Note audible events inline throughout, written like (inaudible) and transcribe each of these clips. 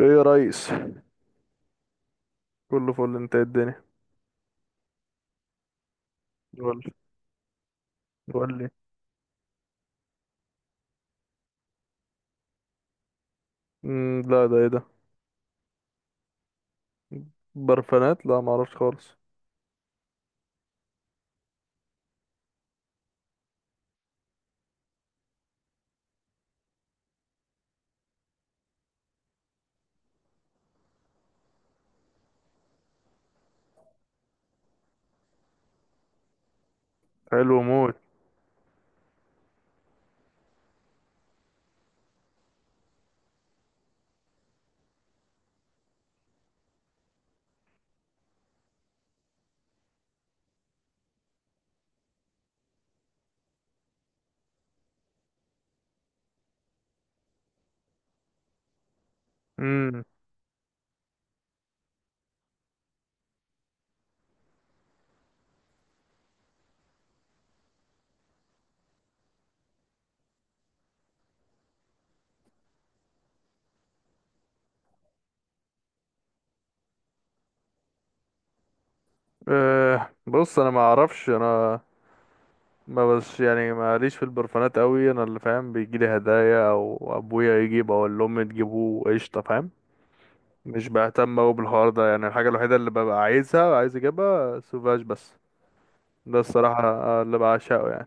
ايه يا ريس، كله فل. انت إيه الدنيا؟ قول. قول لي. لا، ده ايه ده؟ برفانات؟ لا، ما اعرفش خالص. حلو موت. امم بص، انا ما اعرفش. انا ما بس يعني ماليش في البرفانات قوي. انا اللي فاهم، بيجي لي هدايا او ابويا يجيب او اللي امي تجيبه، قشطه فاهم. مش بهتم قوي بالحوار ده. يعني الحاجه الوحيده اللي ببقى عايزها، عايز اجيبها سوفاج بس. ده الصراحه اللي بعشقه يعني.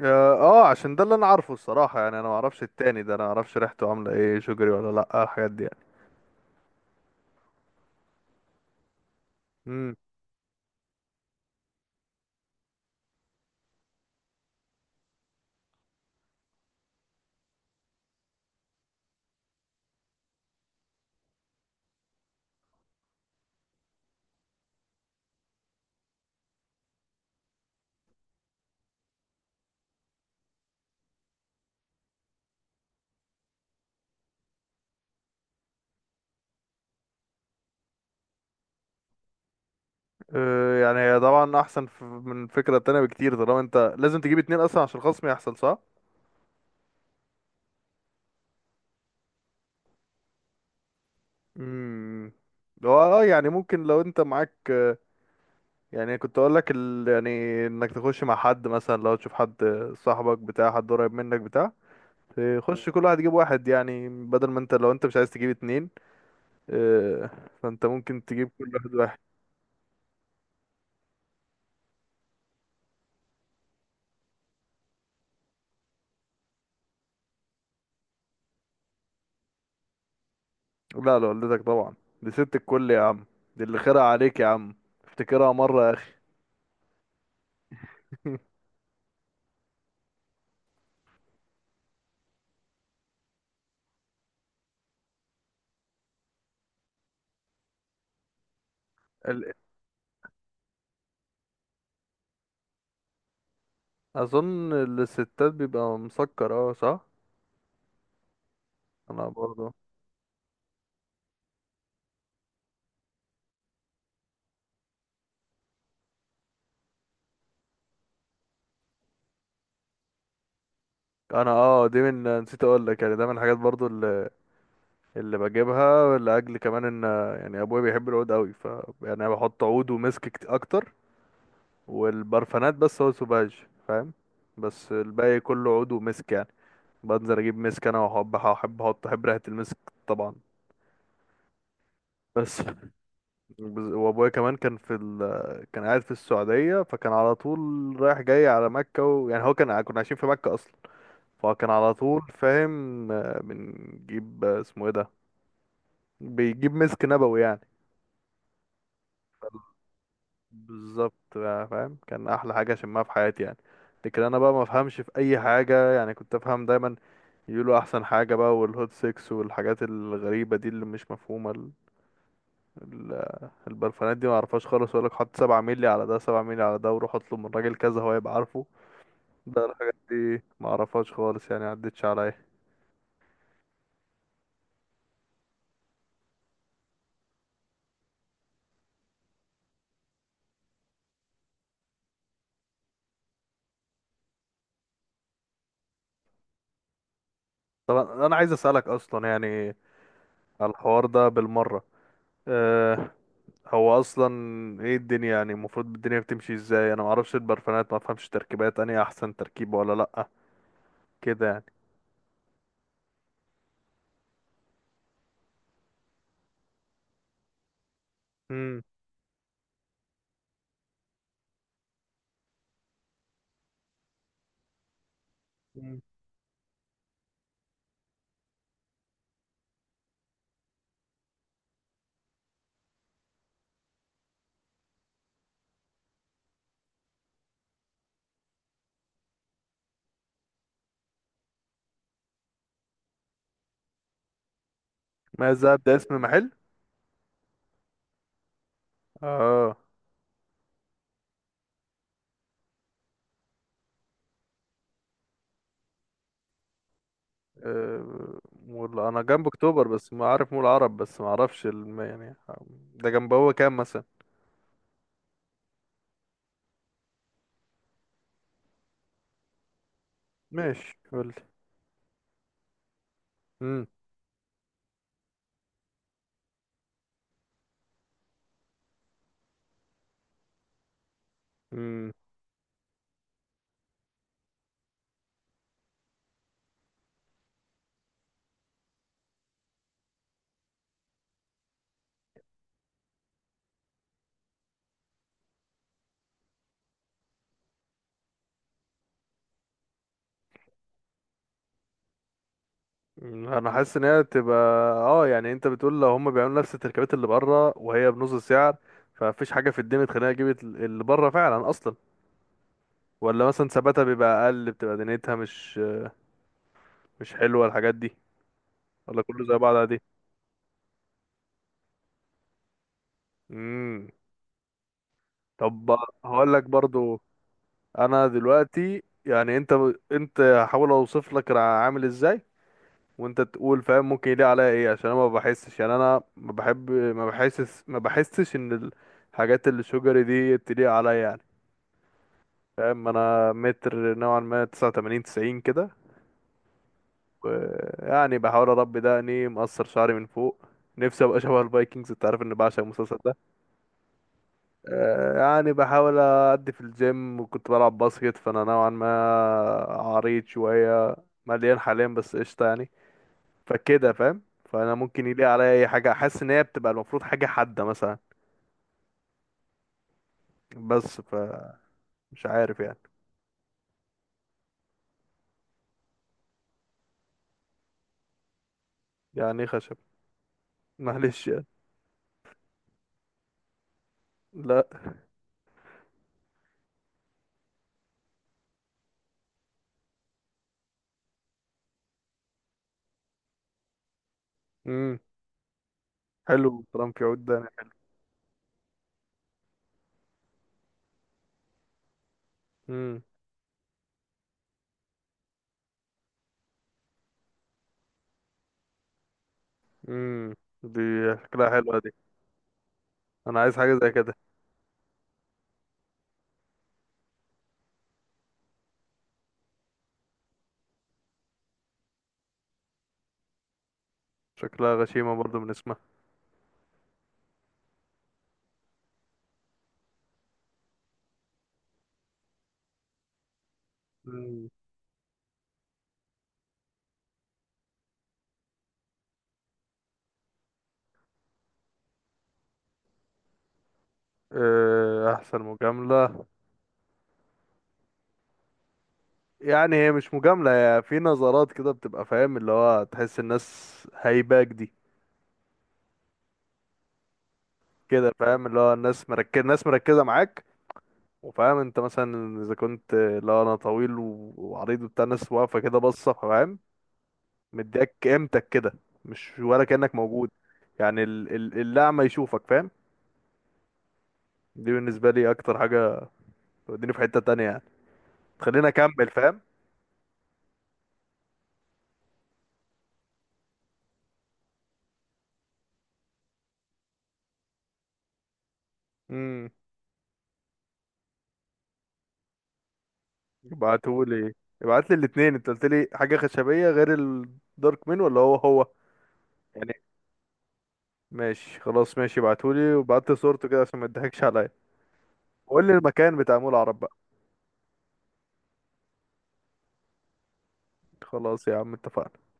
اه آه، عشان ده اللي انا عارفه الصراحة يعني. انا ما اعرفش التاني ده، انا ما اعرفش ريحته عاملة ايه، شجري ولا لا، الحاجات دي يعني. امم يعني هي طبعا احسن من الفكرة التانية بكتير، طالما انت لازم تجيب اتنين اصلا عشان الخصم يحصل، صح. امم هو اه، يعني ممكن لو انت معاك، يعني كنت اقول لك يعني انك تخش مع حد، مثلا لو تشوف حد صاحبك، بتاع حد قريب منك بتاع، تخش كل واحد يجيب واحد، يعني بدل ما انت، لو انت مش عايز تجيب اتنين، آه، فانت ممكن تجيب كل واحد واحد. لا، لوالدتك طبعا. دي ست الكل يا عم. دي اللي خيرها عليك يا عم. افتكرها مرة يا اخي. (laughs) ال- اظن الستات بيبقى مسكر، اه صح. انا برضو. انا اه، دي من، نسيت اقول لك يعني، ده من الحاجات برضو اللي بجيبها لاجل كمان ان، يعني ابويا بيحب العود قوي، ف يعني انا بحط عود ومسك، اكتر. والبرفانات بس هو سوباج فاهم، بس الباقي كله عود ومسك يعني. بنزل اجيب مسك انا، واحب احب احط احب ريحة المسك، طبعا. بس (laughs) وابويا كمان كان في كان قاعد في السعودية، فكان على طول رايح جاي على مكة يعني هو كان، كنا عايشين في مكة اصلا، فكان على طول فاهم، بنجيب، اسمه ايه ده، بيجيب مسك نبوي يعني. بالظبط فاهم. كان احلى حاجة شمها في حياتي يعني. لكن انا بقى ما افهمش في اي حاجة يعني. كنت افهم دايما يقولوا احسن حاجة بقى، والهوت سيكس والحاجات الغريبة دي اللي مش مفهومة. البرفانات دي ما اعرفهاش خالص. يقول لك حط 7 مللي على ده، 7 مللي على ده، وروح اطلب من راجل كذا هو يبقى عارفه. ده الحاجات دي ما اعرفهاش خالص يعني، عدتش عليا. طب انا عايز اسالك اصلا يعني، على الحوار ده بالمره. أه، هو اصلا ايه الدنيا يعني؟ المفروض الدنيا بتمشي ازاي؟ انا ما اعرفش البرفانات، ما افهمش تركيبات انهي احسن تركيبه ولا لا كده يعني. امم مم. ما زاد ده اسم محل؟ اه. آه، مول، انا جنب اكتوبر بس ما عارف مول عرب، بس ما اعرفش يعني ده جنب هو كام مثلا؟ ماشي قول لي. امم انا حاسس ان هي تبقى، اه يعني انت بتقول لو هم بيعملوا نفس التركيبات اللي بره وهي بنص السعر، فمفيش حاجه في الدنيا تخليني اجيب اللي بره فعلا اصلا. ولا مثلا ثباتها بيبقى اقل، بتبقى دنيتها مش، مش حلوه الحاجات دي؟ ولا كله زي بعض عادي؟ امم طب هقول لك برضو. انا دلوقتي يعني انت هحاول اوصف لك انا عامل ازاي وانت تقول فاهم ممكن يليق عليا ايه، عشان انا ما بحسش، يعني انا ما بحب، ما بحسش ان الحاجات اللي شجري دي تليق عليا يعني فاهم. انا متر نوعا ما 89 90 كده، ويعني بحاول اربي دقني، مقصر شعري من فوق، نفسي ابقى (laughs) شبه الفايكنجز، انت عارف اني بعشق المسلسل ده. يعني بحاول أدي في الجيم، وكنت بلعب باسكت، فأنا نوعا ما عريض شوية، مليان حاليا بس قشطة يعني. فكده فاهم، فأنا ممكن يليق عليا أي حاجة أحس إن هي بتبقى المفروض حاجة حادة مثلا، بس فمش عارف يعني. يعني إيه خشب؟ معلش يعني. لا. امم حلو الكلام في عود ده يعني. امم امم دي شكلها حلوة دي. أنا عايز حاجة زي كده. شكلها غشيمة برضو من اسمها. امم آه، أحسن مجاملة، يعني هي مش مجاملة، هي في نظرات كده بتبقى فاهم اللي هو تحس الناس هايباك دي. كده فاهم اللي هو الناس مركزة، الناس مركزة معاك، وفاهم انت مثلا اذا كنت اللي هو انا طويل وعريض وبتاع، الناس واقفة كده باصة فاهم، مديك قيمتك كده. مش ولا كأنك موجود، يعني الأعمى يشوفك فاهم. دي بالنسبة لي أكتر حاجة، توديني في حتة تانية يعني، تخليني أكمل فاهم. امم ابعتهولي. ابعتلي الاتنين، انت قلتلي حاجة خشبية غير الدارك مين؟ ولا هو هو؟ ماشي خلاص. ماشي، ابعتولي وبعت صورته كده عشان ما تضحكش عليا. وقول لي المكان بتاع مول العرب بقى. خلاص يا عم اتفقنا.